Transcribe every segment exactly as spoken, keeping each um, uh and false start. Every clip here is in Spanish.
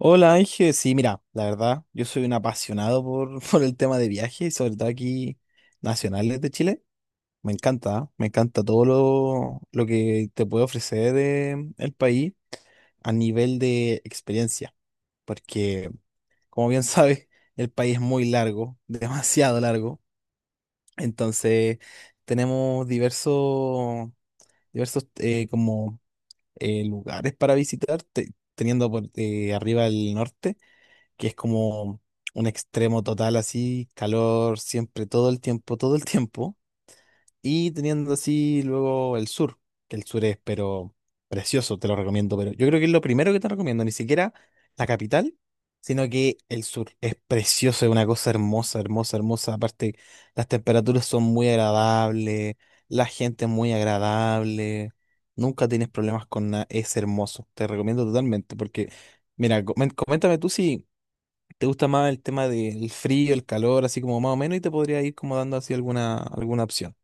Hola Ángel, sí, mira, la verdad, yo soy un apasionado por, por el tema de viajes, sobre todo aquí nacionales de Chile. Me encanta, ¿ah? Me encanta todo lo, lo que te puede ofrecer eh, el país a nivel de experiencia, porque como bien sabes, el país es muy largo, demasiado largo, entonces tenemos diversos, diversos eh, como eh, lugares para visitar, te- teniendo por eh, arriba el norte, que es como un extremo total así, calor siempre, todo el tiempo, todo el tiempo, y teniendo así luego el sur, que el sur es pero precioso, te lo recomiendo, pero yo creo que es lo primero que te recomiendo, ni siquiera la capital, sino que el sur es precioso, es una cosa hermosa, hermosa, hermosa. Aparte, las temperaturas son muy agradables, la gente es muy agradable. Nunca tienes problemas con nada, es hermoso, te recomiendo totalmente, porque mira, comen- coméntame tú si te gusta más el tema del frío, el calor, así como más o menos, y te podría ir como dando así alguna, alguna opción.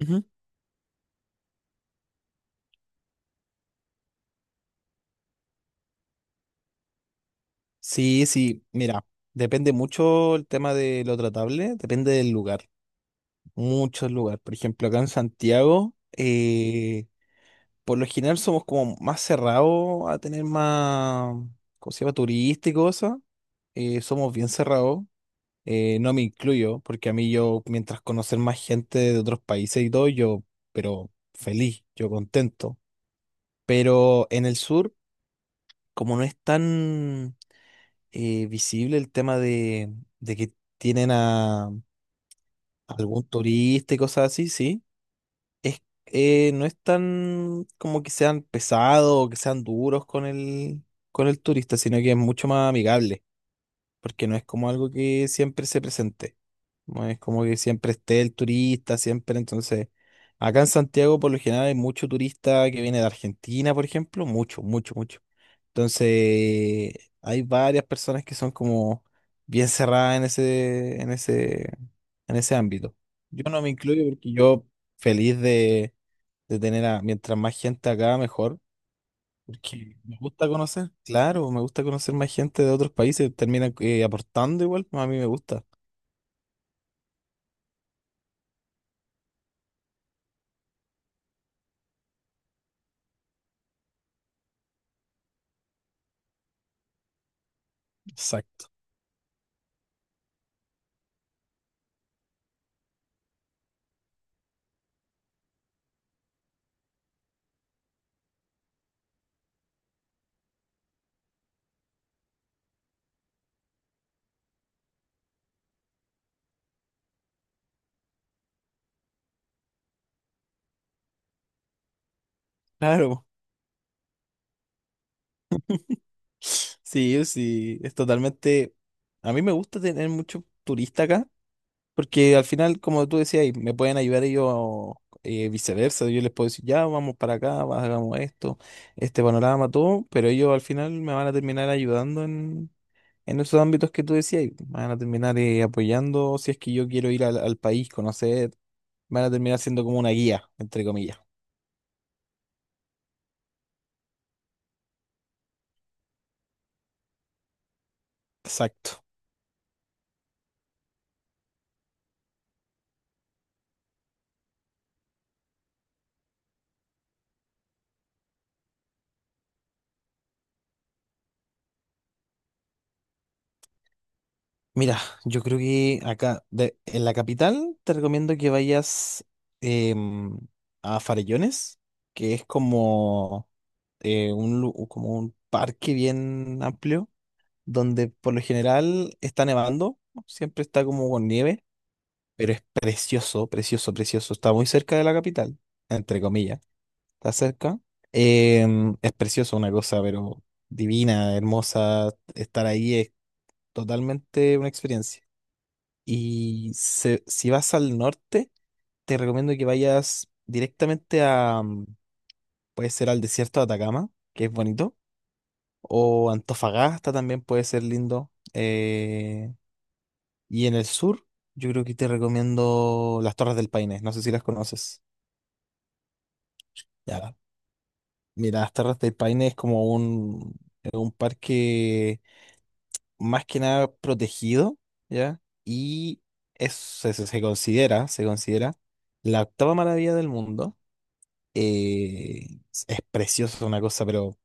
Ujú. Sí, sí, mira, depende mucho el tema de lo tratable, depende del lugar, muchos lugares. Por ejemplo, acá en Santiago, eh, por lo general somos como más cerrados a tener más, ¿cómo se llama? Turista y cosas. Eh, somos bien cerrados. Eh, no me incluyo, porque a mí yo, mientras conocer más gente de otros países y todo, yo, pero feliz, yo contento. Pero en el sur, como no es tan eh, visible el tema de, de que tienen a algún turista y cosas así, sí, es, eh, no es tan como que sean pesados o que sean duros con el, con el turista, sino que es mucho más amigable. Porque no es como algo que siempre se presente. No es como que siempre esté el turista, siempre. Entonces, acá en Santiago por lo general hay mucho turista que viene de Argentina, por ejemplo, mucho, mucho, mucho. Entonces, hay varias personas que son como bien cerradas en ese, en ese, en ese ámbito. Yo no me incluyo porque yo feliz de, de tener a, mientras más gente acá, mejor. Porque me gusta conocer, claro, me gusta conocer más gente de otros países, termina eh, aportando igual, a mí me gusta. Exacto. Claro, sí, sí, es totalmente, a mí me gusta tener mucho turista acá, porque al final, como tú decías, ahí, me pueden ayudar ellos, eh, viceversa, yo les puedo decir, ya, vamos para acá, va- hagamos esto, este panorama, todo, pero ellos al final me van a terminar ayudando en, en esos ámbitos que tú decías, y me van a terminar eh, apoyando si es que yo quiero ir al, al país, conocer. Van a terminar siendo como una guía, entre comillas. Exacto. Mira, yo creo que acá, de- en la capital, te recomiendo que vayas em, a Farellones, que es como, eh, un, lu- como un parque bien amplio, donde por lo general está nevando, siempre está como con nieve, pero es precioso, precioso, precioso. Está muy cerca de la capital, entre comillas. Está cerca. Em, es precioso una cosa, pero divina, hermosa. Estar ahí es totalmente una experiencia. Y se- si vas al norte, te recomiendo que vayas directamente a, mm, puede ser al desierto de Atacama, que es bonito, o Antofagasta también puede ser lindo. Eh, y en el sur, yo creo que te recomiendo las Torres del Paine, no sé si las conoces. Ya, mira, las Torres del Paine es como un, es un parque más que nada protegido, ¿ya? Y es, se, se- se considera, se considera la octava maravilla del mundo. Eh, es es precioso una cosa, pero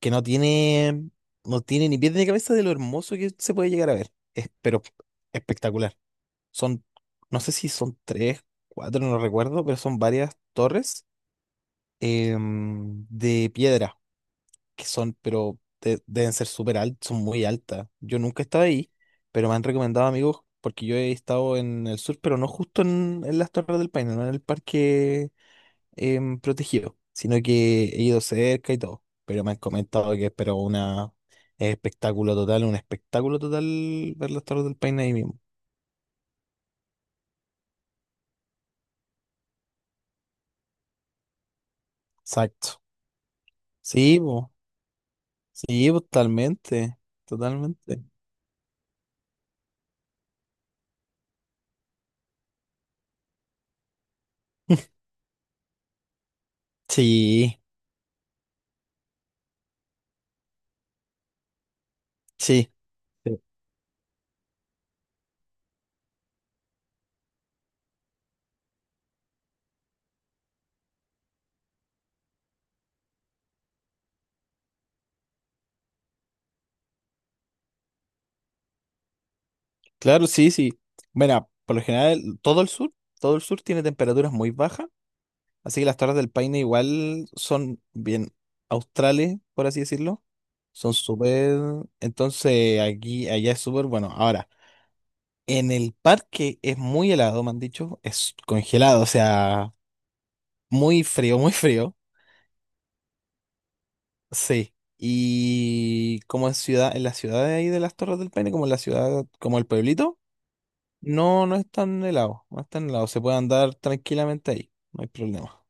que no tiene, no tiene ni pies ni cabeza de lo hermoso que se puede llegar a ver. Es, pero espectacular. Son, no sé si son tres, cuatro, no recuerdo, pero son varias torres em, de piedra que son, pero de- deben ser súper altas, son muy altas. Yo nunca he estado ahí, pero me han recomendado amigos, porque yo he estado en el sur, pero no justo en, en las Torres del Paine, no en el parque em, protegido, sino que he ido cerca y todo. Pero me han comentado que es pero una, es espectáculo total, un espectáculo total ver las Torres del Paine ahí mismo. Exacto. Sí, po. Sí, po, totalmente. Totalmente. Sí, sí. Claro, sí, sí. Bueno, por lo general, todo el sur, todo el sur tiene temperaturas muy bajas, así que las Torres del Paine igual son bien australes, por así decirlo. Son súper, entonces aquí, allá es súper bueno. Ahora, en el parque es muy helado, me han dicho, es congelado, o sea, muy frío, muy frío. Sí. Y como en ciudad, en la ciudad de ahí de las Torres del Paine, como en la ciudad, como el pueblito. No, no es tan helado, no es tan helado, se puede andar tranquilamente ahí, no hay problema.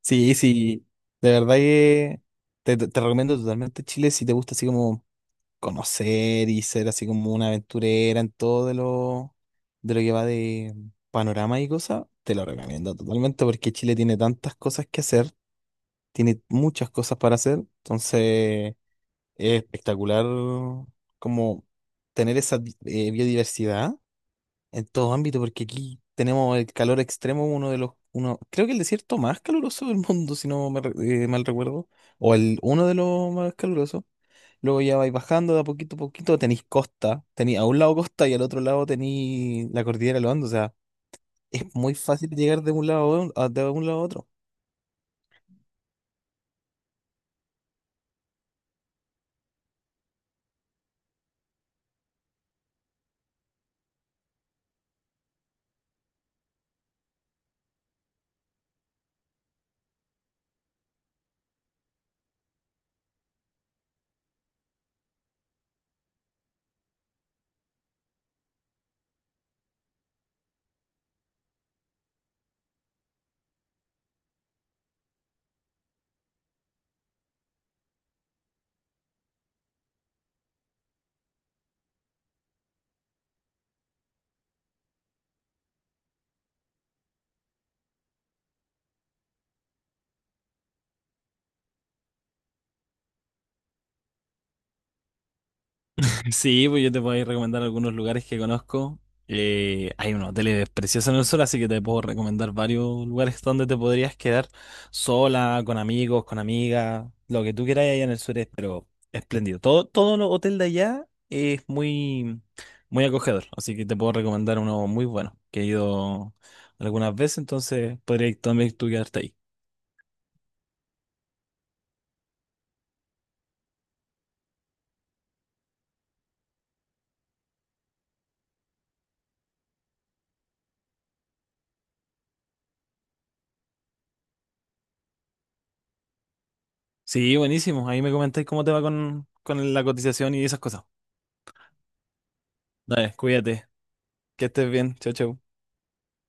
Sí, sí, de verdad que te, te- te recomiendo totalmente Chile si te gusta así como conocer y ser así como una aventurera en todo de lo, de lo que va de panorama y cosas, te lo recomiendo totalmente porque Chile tiene tantas cosas que hacer, tiene muchas cosas para hacer, entonces es espectacular como tener esa di- eh, biodiversidad en todo ámbito, porque aquí tenemos el calor extremo, uno de los, uno, creo que el desierto más caluroso del mundo, si no me re- eh, mal recuerdo, o el uno de los más calurosos. Luego ya vais bajando de a poquito a poquito, tenéis costa, tenéis a un lado costa y al otro lado tenéis la cordillera de los Andes, o sea, es muy fácil llegar de un lado a un- a- de un lado a otro. Sí, pues yo te puedo ahí recomendar algunos lugares que conozco. Eh, hay unos hoteles preciosos en el sur, así que te puedo recomendar varios lugares donde te podrías quedar sola, con amigos, con amigas, lo que tú quieras allá en el sur es, pero espléndido. Todo, todo lo hotel de allá es muy, muy acogedor, así que te puedo recomendar uno muy bueno, que he ido algunas veces, entonces podrías también tú quedarte ahí. Sí, buenísimo. Ahí me comentáis cómo te va con, con la cotización y esas cosas. Dale, cuídate, que estés bien. Chao, chao.